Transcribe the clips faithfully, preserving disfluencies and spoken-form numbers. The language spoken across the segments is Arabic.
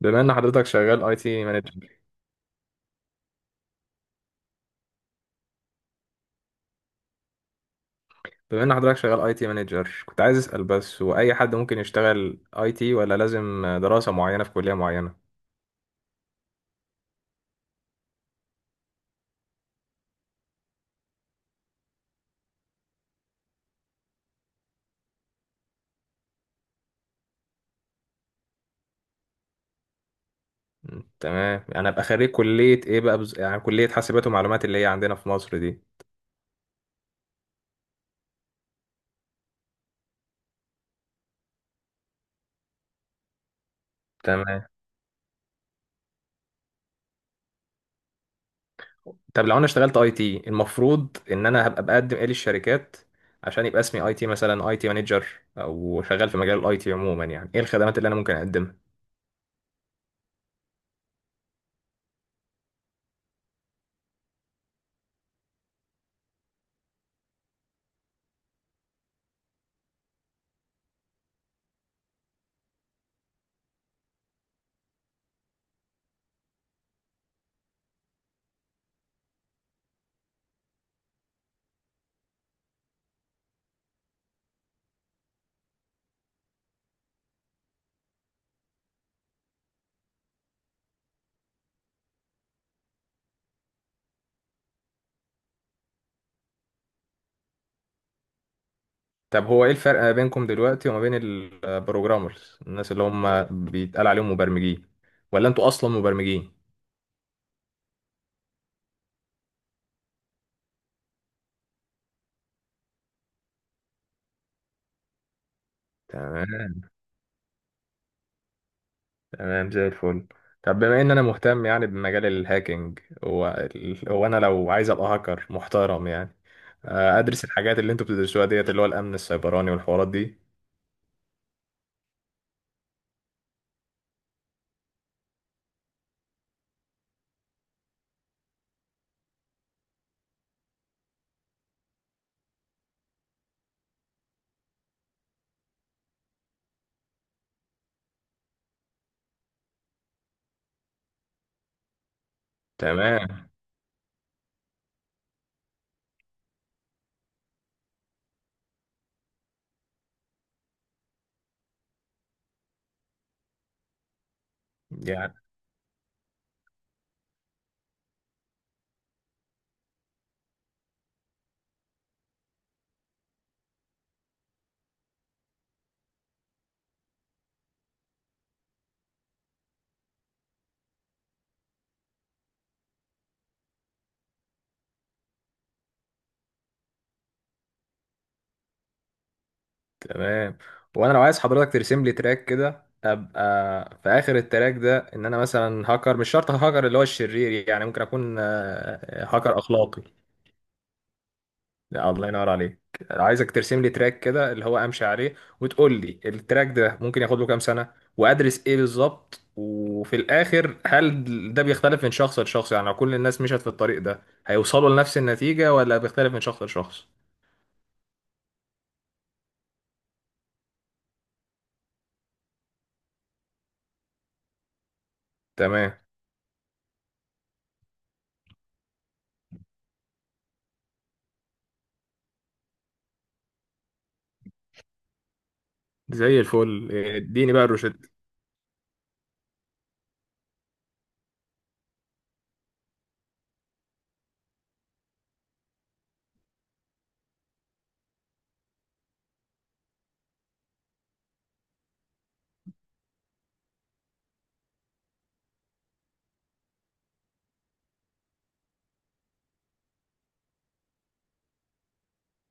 بما ان حضرتك شغال اي تي مانجر بما ان حضرتك شغال اي تي مانجر كنت عايز اسال بس هو اي حد ممكن يشتغل اي تي ولا لازم دراسه معينه في كليه معينه؟ م، تمام، انا ابقى خريج كليه ايه بقى بز... يعني كليه حاسبات ومعلومات اللي هي عندنا في مصر دي. تمام. طب لو انا اشتغلت اي تي المفروض ان انا هبقى بقدم ايه للشركات عشان يبقى اسمي اي تي، مثلا اي تي مانجر، او شغال في مجال الاي تي عموما؟ يعني ايه الخدمات اللي انا ممكن اقدمها؟ طب هو ايه الفرق ما بينكم دلوقتي وما بين البروجرامرز، الناس اللي هم بيتقال عليهم مبرمجين؟ ولا انتوا اصلا مبرمجين؟ تمام. تمام زي الفل. طب بما ان انا مهتم يعني بمجال الهاكينج، هو ال- هو انا لو عايز ابقى هاكر محترم يعني، آه، ادرس الحاجات اللي انتوا بتدرسوها ديت، اللي هو الامن السيبراني والحوارات دي؟ تمام. يعني تمام. وانا لو عايز حضرتك ترسم لي تراك كده، ابقى في اخر التراك ده ان انا مثلا هاكر، مش شرط هاكر اللي هو الشرير يعني، ممكن اكون آه، هاكر اخلاقي. لا الله ينور عليك. عايزك ترسم لي تراك كده اللي هو امشي عليه، وتقول لي التراك ده ممكن ياخد له كام سنة، وادرس ايه بالظبط، وفي الاخر هل ده بيختلف من شخص لشخص؟ يعني لو كل الناس مشت في الطريق ده هيوصلوا لنفس النتيجة، ولا بيختلف من شخص لشخص؟ تمام زي الفل، اديني بقى الروشتة.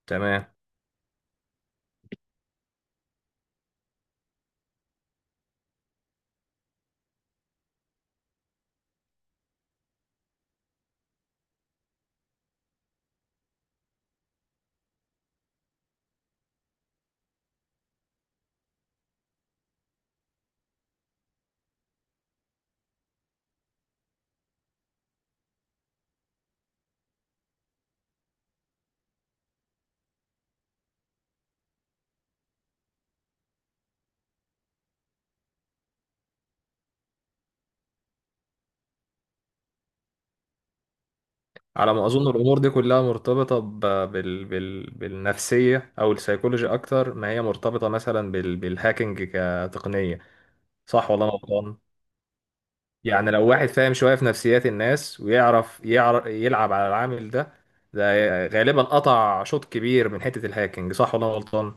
تمام. على ما اظن الامور دي كلها مرتبطه ب- بال... بال... بالنفسيه او السيكولوجي، اكتر ما هي مرتبطه مثلا بال... بالهاكينج كتقنيه. صح ولا انا غلطان؟ يعني لو واحد فاهم شويه في نفسيات الناس، ويعرف يعرف يلعب على العامل ده، ده غالبا قطع شوط كبير من حته الهاكينج. صح ولا انا غلطان؟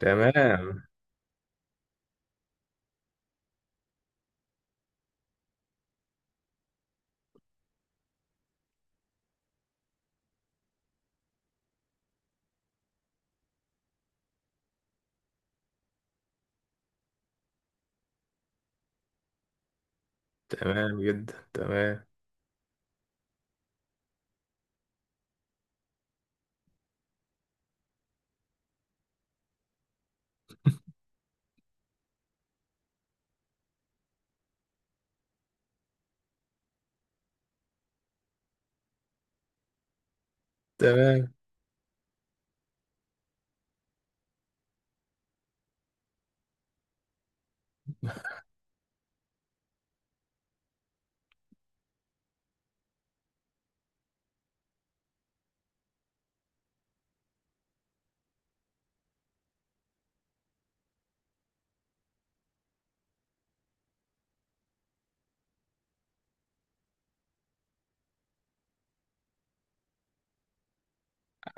تمام تمام جدا تمام تمام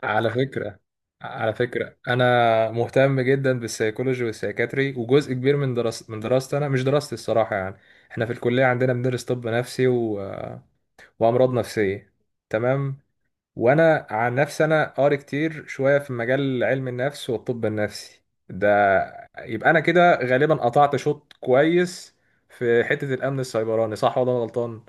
على فكرة، على فكرة أنا مهتم جدا بالسيكولوجي والسيكاتري، وجزء كبير من دراسة من دراستي، أنا مش دراستي الصراحة يعني، إحنا في الكلية عندنا بندرس طب نفسي و... وأمراض نفسية. تمام. وأنا عن نفسي أنا قاري كتير شوية في مجال علم النفس والطب النفسي ده. يبقى أنا كده غالبا قطعت شوط كويس في حتة الأمن السيبراني، صح ولا أنا غلطان؟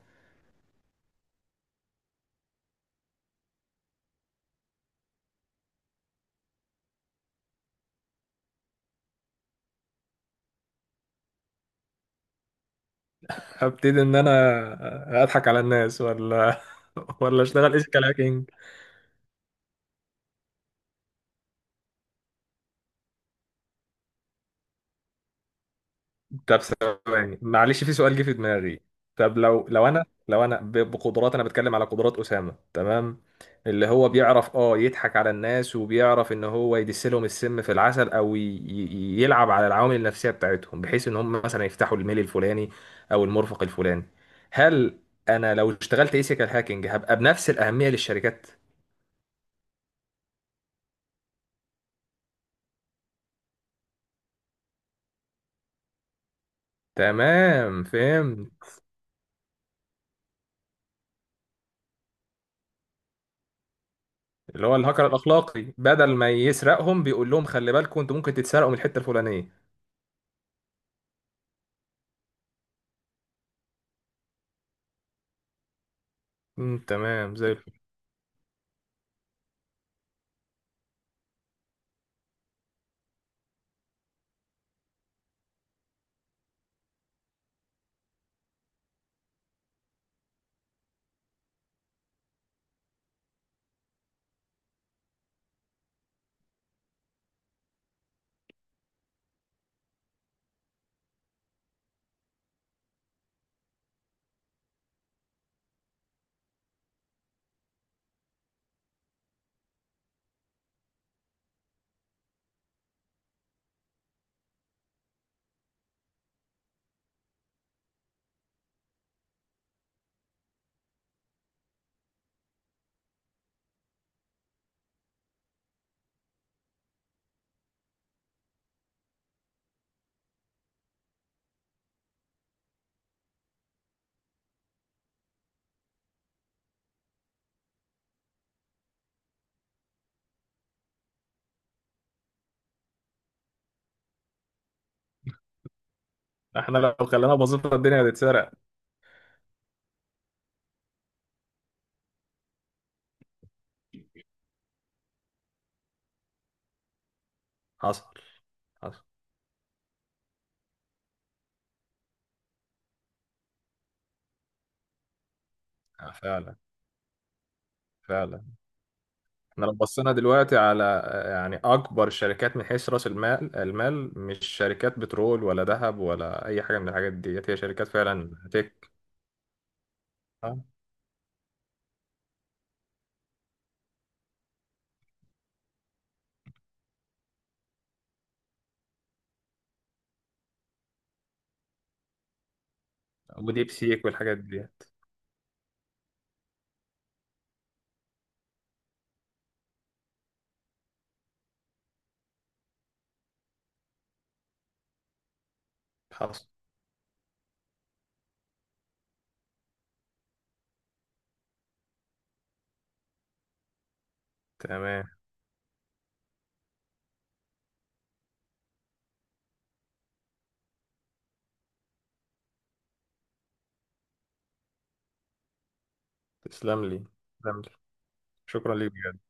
هبتدي إن أنا أضحك على الناس، ولا ولا أشتغل إيش كلاكينج؟ طب ثواني معلش، في سؤال جه في دماغي. طب لو لو انا لو انا ب- بقدرات، انا بتكلم على قدرات اسامه، تمام، اللي هو بيعرف اه يضحك على الناس، وبيعرف ان هو يدس لهم السم في العسل، او ي- ي- يلعب على العوامل النفسيه بتاعتهم، بحيث ان هم مثلا يفتحوا الميل الفلاني او المرفق الفلاني. هل انا لو اشتغلت ايثيكال هاكينج هبقى بنفس الاهميه للشركات؟ تمام، فهمت. اللي هو الهاكر الاخلاقي بدل ما يسرقهم، بيقول لهم خلي بالكم انتوا ممكن تتسرقوا من الحته الفلانيه. مم، تمام زي الفل. احنا لو خلينا بسيطة الدنيا هتتسرق. حصل. حصل. آه، فعلا، فعلا. احنا لو بصينا دلوقتي على، آه، يعني اكبر الشركات من حيث راس المال المال، مش شركات بترول ولا ذهب ولا اي حاجة من الحاجات ديت، هي شركات فعلا تك. آه، وديب سيك والحاجات ديت. حصل. تمام. تسلم لي، تسلم لي شكرا ليك بجد.